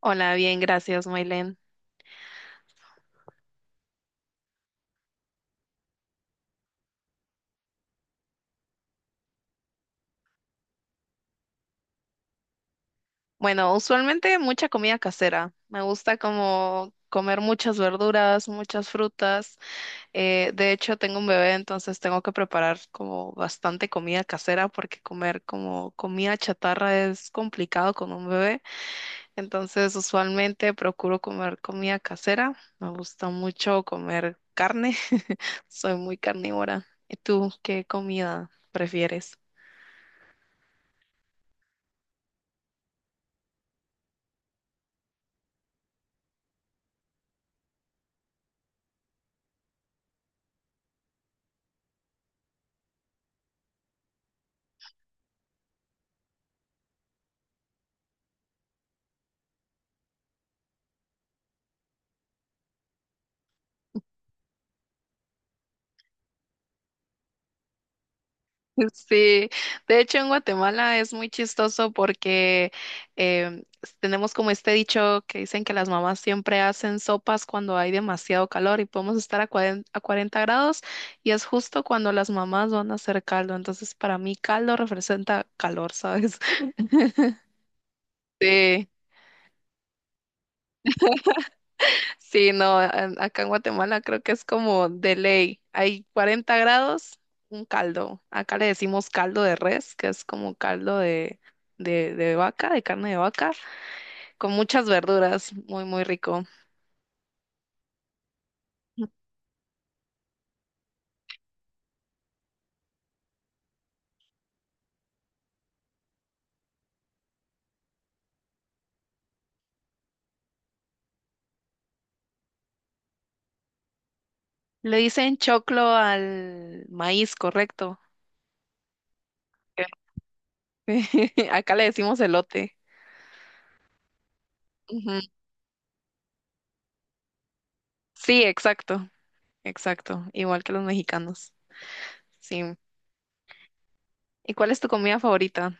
Hola, bien, gracias, Maylen. Bueno, usualmente mucha comida casera. Me gusta como comer muchas verduras, muchas frutas. De hecho, tengo un bebé, entonces tengo que preparar como bastante comida casera porque comer como comida chatarra es complicado con un bebé. Entonces, usualmente procuro comer comida casera. Me gusta mucho comer carne. Soy muy carnívora. ¿Y tú qué comida prefieres? Sí, de hecho en Guatemala es muy chistoso porque em, tenemos como este dicho que dicen que las mamás siempre hacen sopas cuando hay demasiado calor y podemos estar a 40 a 40 grados y es justo cuando las mamás van a hacer caldo. Entonces para mí caldo representa calor, ¿sabes? Sí. Sí, no, acá en Guatemala creo que es como de ley. Hay 40 grados, un caldo. Acá le decimos caldo de res, que es como caldo de vaca, de carne de vaca, con muchas verduras, muy, muy rico. Le dicen choclo al maíz, correcto. Acá le decimos elote. Ujú. Sí, exacto, exacto, igual que los mexicanos. Sí. ¿Y cuál es tu comida favorita?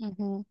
Ujú.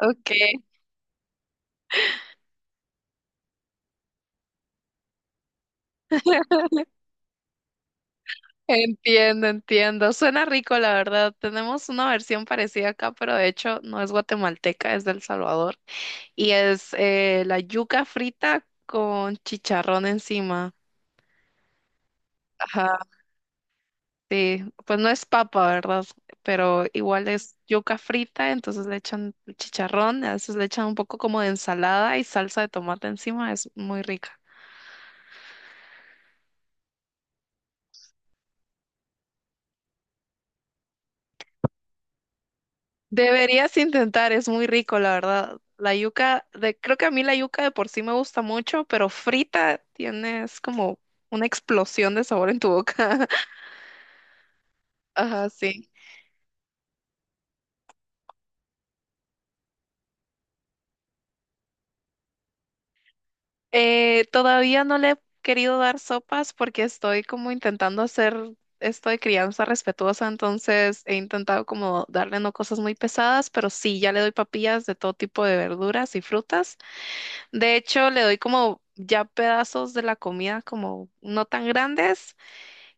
Ok. Entiendo, entiendo. Suena rico, la verdad. Tenemos una versión parecida acá, pero de hecho no es guatemalteca, es del Salvador. Y es la yuca frita con chicharrón encima. Ajá, sí. Pues no es papa, ¿verdad? Pero igual es yuca frita, entonces le echan chicharrón, a veces le echan un poco como de ensalada y salsa de tomate encima. Es muy rica. Deberías intentar, es muy rico, la verdad. La yuca, de, creo que a mí la yuca de por sí me gusta mucho, pero frita tienes como una explosión de sabor en tu boca. Ajá, sí. Todavía no le he querido dar sopas porque estoy como intentando hacer esto de crianza respetuosa, entonces he intentado como darle no cosas muy pesadas, pero sí, ya le doy papillas de todo tipo de verduras y frutas. De hecho, le doy como ya pedazos de la comida como no tan grandes.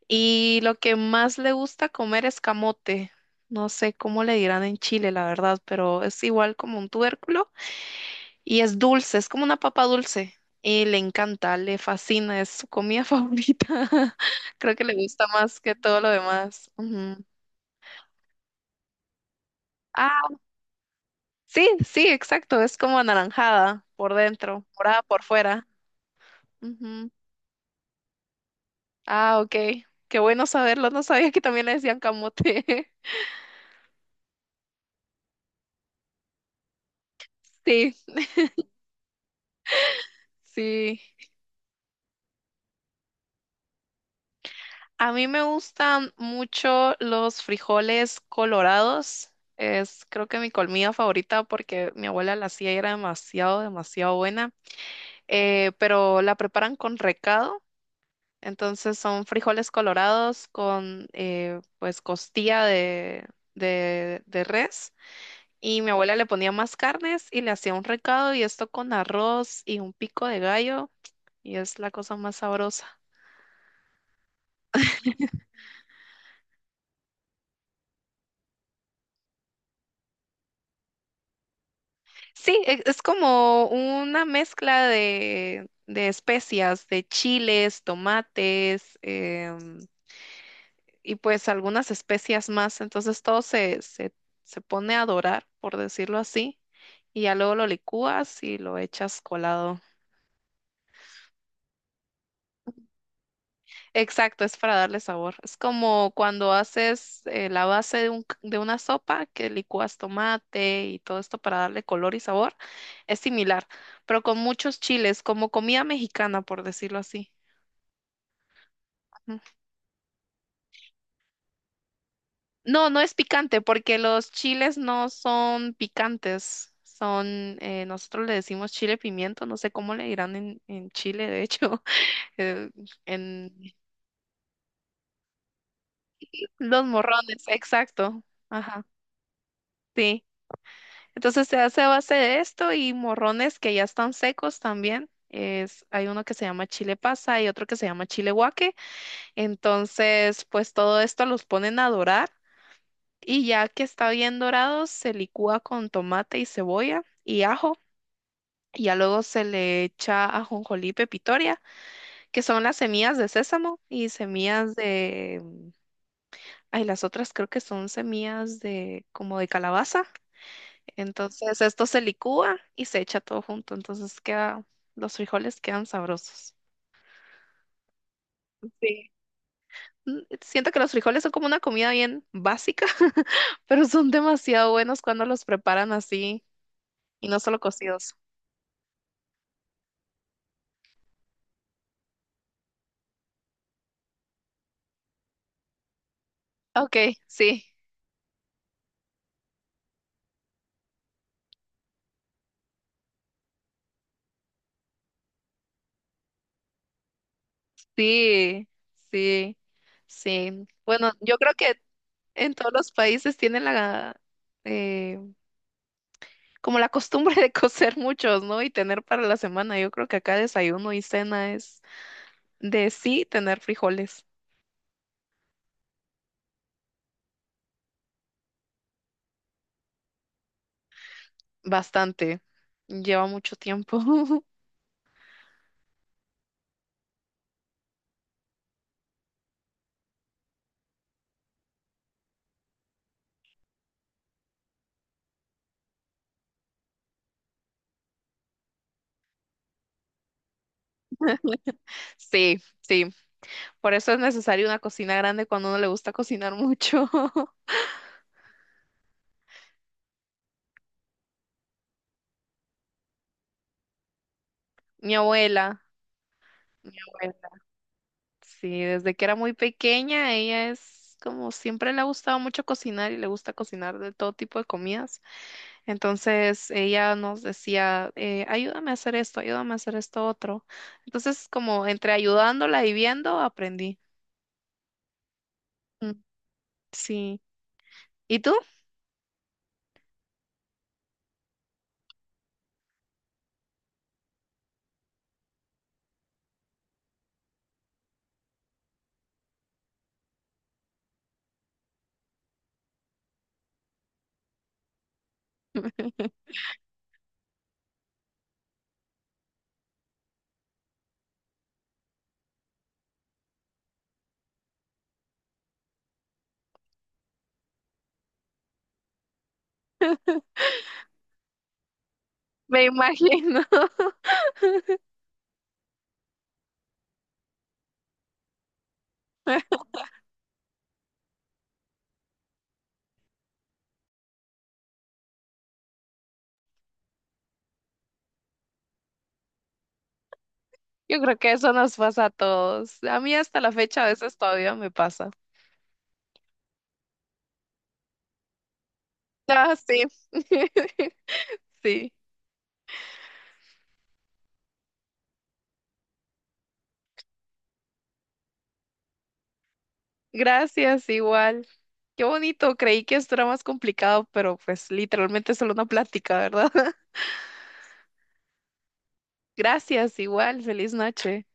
Y lo que más le gusta comer es camote. No sé cómo le dirán en Chile, la verdad, pero es igual como un tubérculo y es dulce, es como una papa dulce. Y le encanta, le fascina, es su comida favorita. Creo que le gusta más que todo lo demás. Ujú. Ah, sí, sí, exacto, es como anaranjada por dentro, morada por fuera. Ujú. Ah, ok, qué bueno saberlo, no sabía que también le decían camote. Sí, sí. A mí me gustan mucho los frijoles colorados. Es creo que mi comida favorita porque mi abuela la hacía y era demasiado, demasiado buena. Pero la preparan con recado. Entonces son frijoles colorados con pues costilla de res. Y mi abuela le ponía más carnes y le hacía un recado y esto con arroz y un pico de gallo. Y es la cosa más sabrosa. Sí, es como una mezcla de especias, de chiles, tomates, y pues algunas especias más. Entonces todo se pone a dorar, por decirlo así, y ya luego lo licúas y lo echas colado. Exacto, es para darle sabor. Es como cuando haces la base de de una sopa que licuas tomate y todo esto para darle color y sabor. Es similar, pero con muchos chiles, como comida mexicana, por decirlo así. Ujú. No, no es picante porque los chiles no son picantes. Son, nosotros le decimos chile pimiento, no sé cómo le dirán en Chile, de hecho, eh, en los morrones, exacto. Ajá, sí. Entonces se hace a base de esto y morrones que ya están secos también. Es, hay uno que se llama chile pasa y otro que se llama chile guaque. Entonces, pues todo esto los ponen a dorar y ya que está bien dorado, se licúa con tomate y cebolla y ajo. Y ya luego se le echa ajonjolí y pepitoria, que son las semillas de sésamo y semillas de. Ay, las otras creo que son semillas de como de calabaza. Entonces esto se licúa y se echa todo junto, entonces queda, los frijoles quedan sabrosos. Sí. Siento que los frijoles son como una comida bien básica, pero son demasiado buenos cuando los preparan así y no solo cocidos. Ok, sí, sí, sí, sí. Bueno, yo creo que en todos los países tienen la, eh, como la costumbre de cocer muchos, ¿no? Y tener para la semana. Yo creo que acá desayuno y cena es de sí tener frijoles. Bastante. Lleva mucho tiempo. Sí, sí. Por eso es necesario una cocina grande cuando a uno le gusta cocinar mucho. Mi abuela, mi abuela. Sí, desde que era muy pequeña, ella es como siempre le ha gustado mucho cocinar y le gusta cocinar de todo tipo de comidas. Entonces ella nos decía, ayúdame a hacer esto, ayúdame a hacer esto otro. Entonces, como entre ayudándola y viendo, aprendí. Mm, sí. ¿Y tú? Me imagino. Yo creo que eso nos pasa a todos. A mí hasta la fecha a veces todavía me pasa. Ah, sí. Sí. Gracias, igual. Qué bonito, creí que esto era más complicado, pero pues literalmente es solo una plática, ¿verdad? Gracias, igual. Feliz noche.